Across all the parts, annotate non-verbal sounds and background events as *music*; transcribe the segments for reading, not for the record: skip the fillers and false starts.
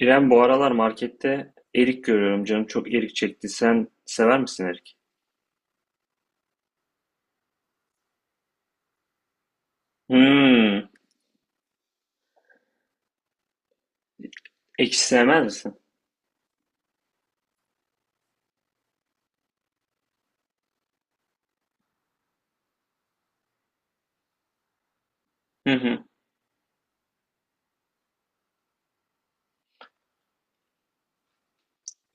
İrem bu aralar markette erik görüyorum. Canım çok erik çekti. Sen sever misin erik? Hmm, ekşi sevmez misin? Hı hı.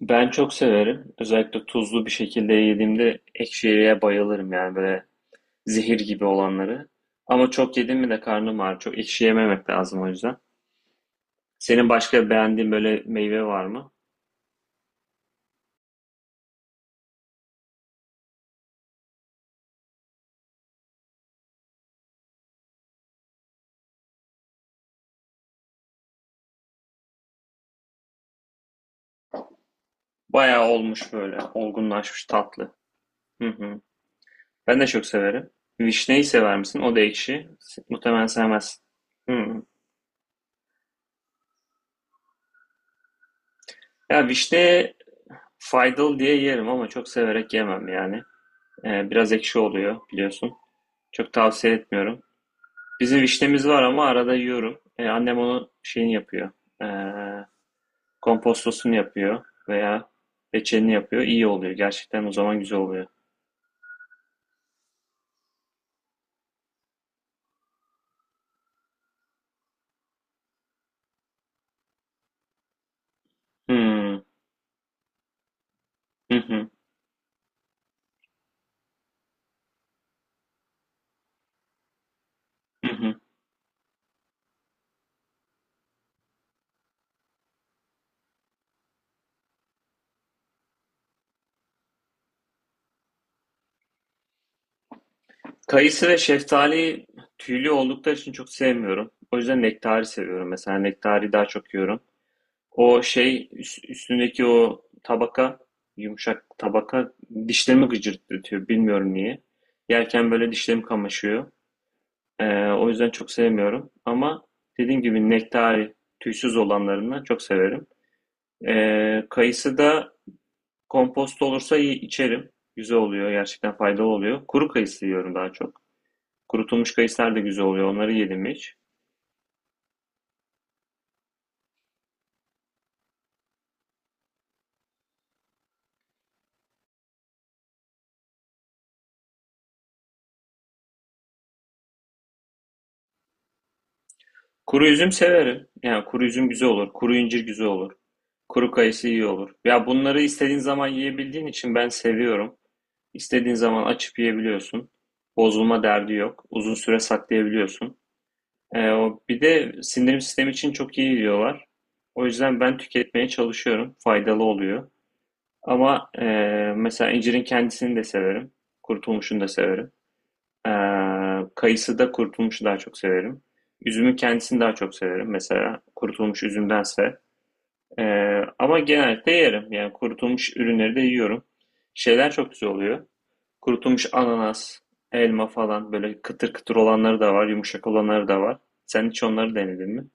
Ben çok severim. Özellikle tuzlu bir şekilde yediğimde ekşi eriğe bayılırım yani böyle zehir gibi olanları. Ama çok yedim mi de karnım ağrır. Çok ekşi yememek lazım o yüzden. Senin başka beğendiğin böyle meyve var mı? Bayağı olmuş böyle olgunlaşmış tatlı. Hı hı. Ben de çok severim. Vişneyi sever misin? O da ekşi. Muhtemelen sevmezsin. Hı. Ya vişne faydalı diye yerim ama çok severek yemem yani. Biraz ekşi oluyor biliyorsun. Çok tavsiye etmiyorum. Bizim vişnemiz var ama arada yiyorum. Annem onu şeyini yapıyor. Ee, Kompostosunu yapıyor veya reçelini yapıyor. İyi oluyor. Gerçekten o zaman güzel oluyor. Hmm. Hı hı. Hı hı. Kayısı ve şeftali tüylü oldukları için çok sevmiyorum. O yüzden nektari seviyorum. Mesela nektari daha çok yiyorum. O şey üstündeki o tabaka, yumuşak tabaka, dişlerimi gıcırdatıyor. Bilmiyorum niye. Yerken böyle dişlerim kamaşıyor. O yüzden çok sevmiyorum. Ama dediğim gibi nektari tüysüz olanlarından çok severim. Kayısı da kompost olursa iyi, içerim. Güzel oluyor. Gerçekten faydalı oluyor. Kuru kayısı yiyorum daha çok. Kurutulmuş kayısılar da güzel oluyor. Onları yedim hiç. Kuru üzüm severim. Yani kuru üzüm güzel olur. Kuru incir güzel olur. Kuru kayısı iyi olur. Ya bunları istediğin zaman yiyebildiğin için ben seviyorum. İstediğin zaman açıp yiyebiliyorsun. Bozulma derdi yok. Uzun süre saklayabiliyorsun. O bir de sindirim sistemi için çok iyi diyorlar. O yüzden ben tüketmeye çalışıyorum. Faydalı oluyor. Ama mesela incirin kendisini de severim. Kurutulmuşunu da severim. Ee, Kayısı da kurutulmuşu daha çok severim. Üzümün kendisini daha çok severim mesela kurutulmuş üzümdense. Ama genellikle yerim. Yani kurutulmuş ürünleri de yiyorum. Şeyler çok güzel oluyor. Kurutulmuş ananas, elma falan böyle kıtır kıtır olanları da var, yumuşak olanları da var. Sen hiç onları denedin mi?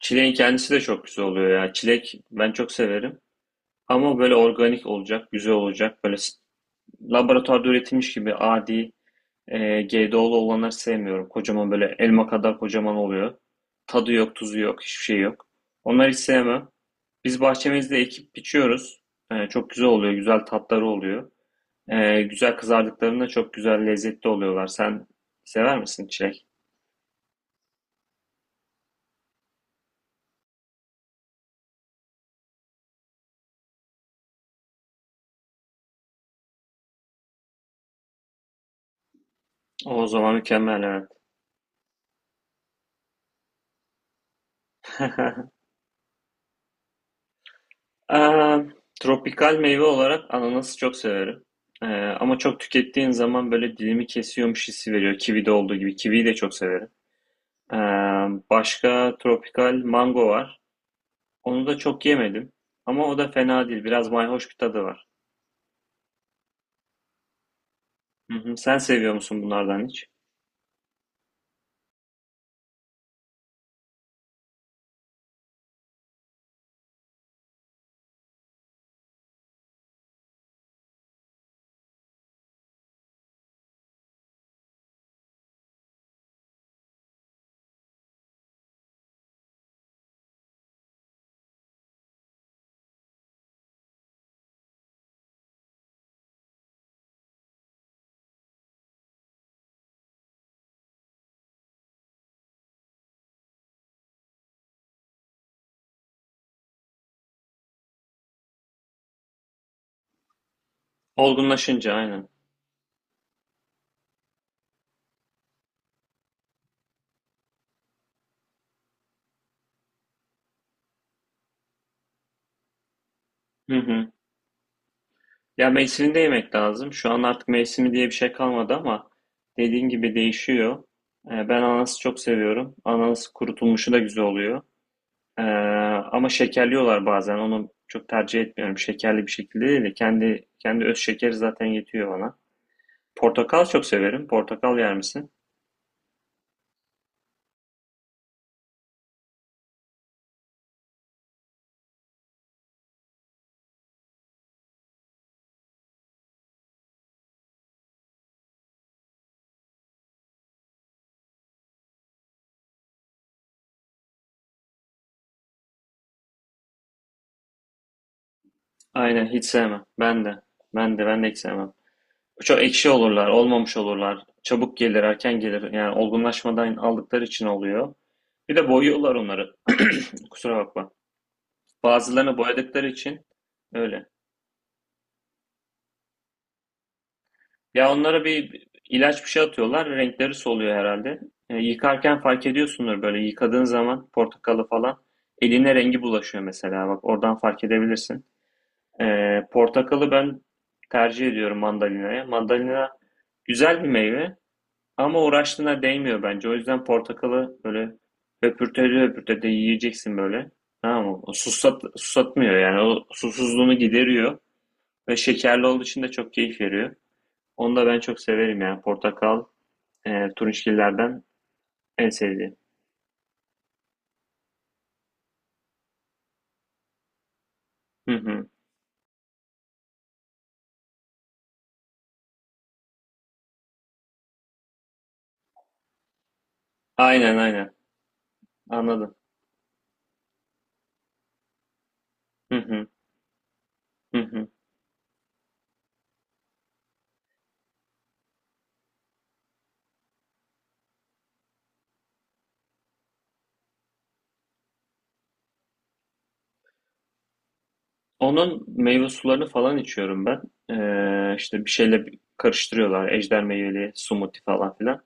Çileğin kendisi de çok güzel oluyor ya. Çilek ben çok severim. Ama böyle organik olacak, güzel olacak. Böyle laboratuvarda üretilmiş gibi adi. GDO'lu olanları sevmiyorum. Kocaman böyle elma kadar kocaman oluyor. Tadı yok, tuzu yok, hiçbir şey yok. Onları hiç sevmem. Biz bahçemizde ekip biçiyoruz. Çok güzel oluyor, güzel tatları oluyor. Güzel kızardıklarında çok güzel lezzetli oluyorlar. Sen sever misin çilek? O zaman mükemmel, evet. *laughs* Aa, tropikal meyve olarak ananası çok severim. Ama çok tükettiğin zaman böyle dilimi kesiyormuş hissi veriyor. Kivi de olduğu gibi. Kiviyi de çok severim. Ee, Başka tropikal mango var. Onu da çok yemedim. Ama o da fena değil. Biraz mayhoş bir tadı var. Hı hı. Sen seviyor musun bunlardan hiç? Olgunlaşınca aynen. Hı hı. Ya mevsiminde yemek lazım. Şu an artık mevsimi diye bir şey kalmadı ama dediğin gibi değişiyor. Ben ananası çok seviyorum. Ananas kurutulmuşu da güzel oluyor. Ee, Ama şekerliyorlar bazen. Onu çok tercih etmiyorum. Şekerli bir şekilde değil de kendi öz şekeri zaten yetiyor bana. Portakal çok severim. Portakal yer misin? Aynen, hiç sevmem. Ben de. Ben de hiç sevmem. Çok ekşi olurlar, olmamış olurlar. Çabuk gelir, erken gelir. Yani olgunlaşmadan aldıkları için oluyor. Bir de boyuyorlar onları. Kusura bakma. Bazılarını boyadıkları için öyle. Ya onlara bir ilaç bir şey atıyorlar. Renkleri soluyor herhalde. Yıkarken fark ediyorsundur böyle yıkadığın zaman portakalı falan. Eline rengi bulaşıyor mesela. Bak oradan fark edebilirsin. E, Portakalı ben tercih ediyorum mandalinaya. Mandalina güzel bir meyve. Ama uğraştığına değmiyor bence. O yüzden portakalı böyle höpürtede höpürtede yiyeceksin böyle. Tamam mı? Susat, susatmıyor yani. O susuzluğunu gideriyor. Ve şekerli olduğu için de çok keyif veriyor. Onu da ben çok severim yani. Portakal, turunçgillerden en sevdiğim. Hı hı. Aynen. Anladım. Hı hı. Hı hı. Onun meyve sularını falan içiyorum ben. İşte bir şeyle karıştırıyorlar. Ejder meyveli smoothie falan filan.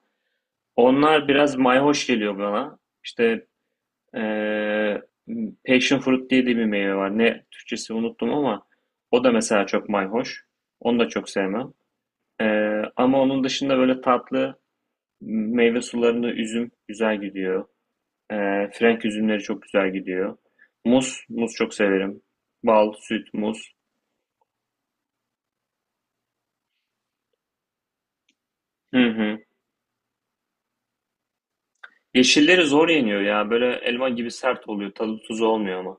Onlar biraz mayhoş geliyor bana. İşte. Ee, Passion Fruit diye de bir meyve var. Ne Türkçesi unuttum ama o da mesela çok mayhoş. Onu da çok sevmem. Ama onun dışında böyle tatlı meyve sularında üzüm güzel gidiyor. Frenk üzümleri çok güzel gidiyor. Muz çok severim. Bal, süt, muz. Hı hı. Yeşilleri zor yeniyor ya. Böyle elma gibi sert oluyor. Tadı tuzu olmuyor ama.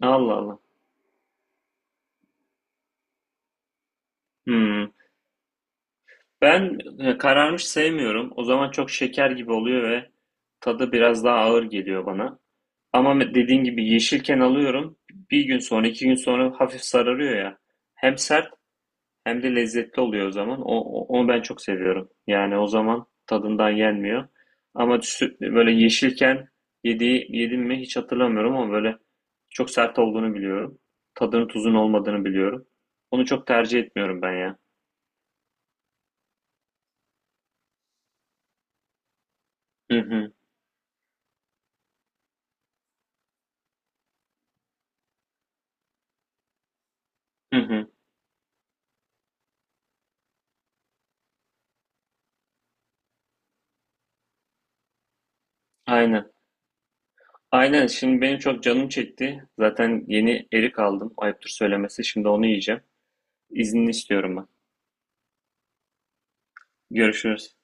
Allah Allah. Hı. Ben kararmış sevmiyorum. O zaman çok şeker gibi oluyor ve tadı biraz daha ağır geliyor bana. Ama dediğin gibi yeşilken alıyorum. Bir gün sonra, iki gün sonra hafif sararıyor ya. Hem sert hem de lezzetli oluyor o zaman. Onu ben çok seviyorum. Yani o zaman tadından yenmiyor. Ama böyle yeşilken yedim mi hiç hatırlamıyorum ama böyle çok sert olduğunu biliyorum. Tadının tuzun olmadığını biliyorum. Onu çok tercih etmiyorum ben ya. Hı hı, hı hı. Aynen. Aynen şimdi benim çok canım çekti. Zaten yeni erik aldım. Ayıptır söylemesi. Şimdi onu yiyeceğim. İznini istiyorum ben. Görüşürüz.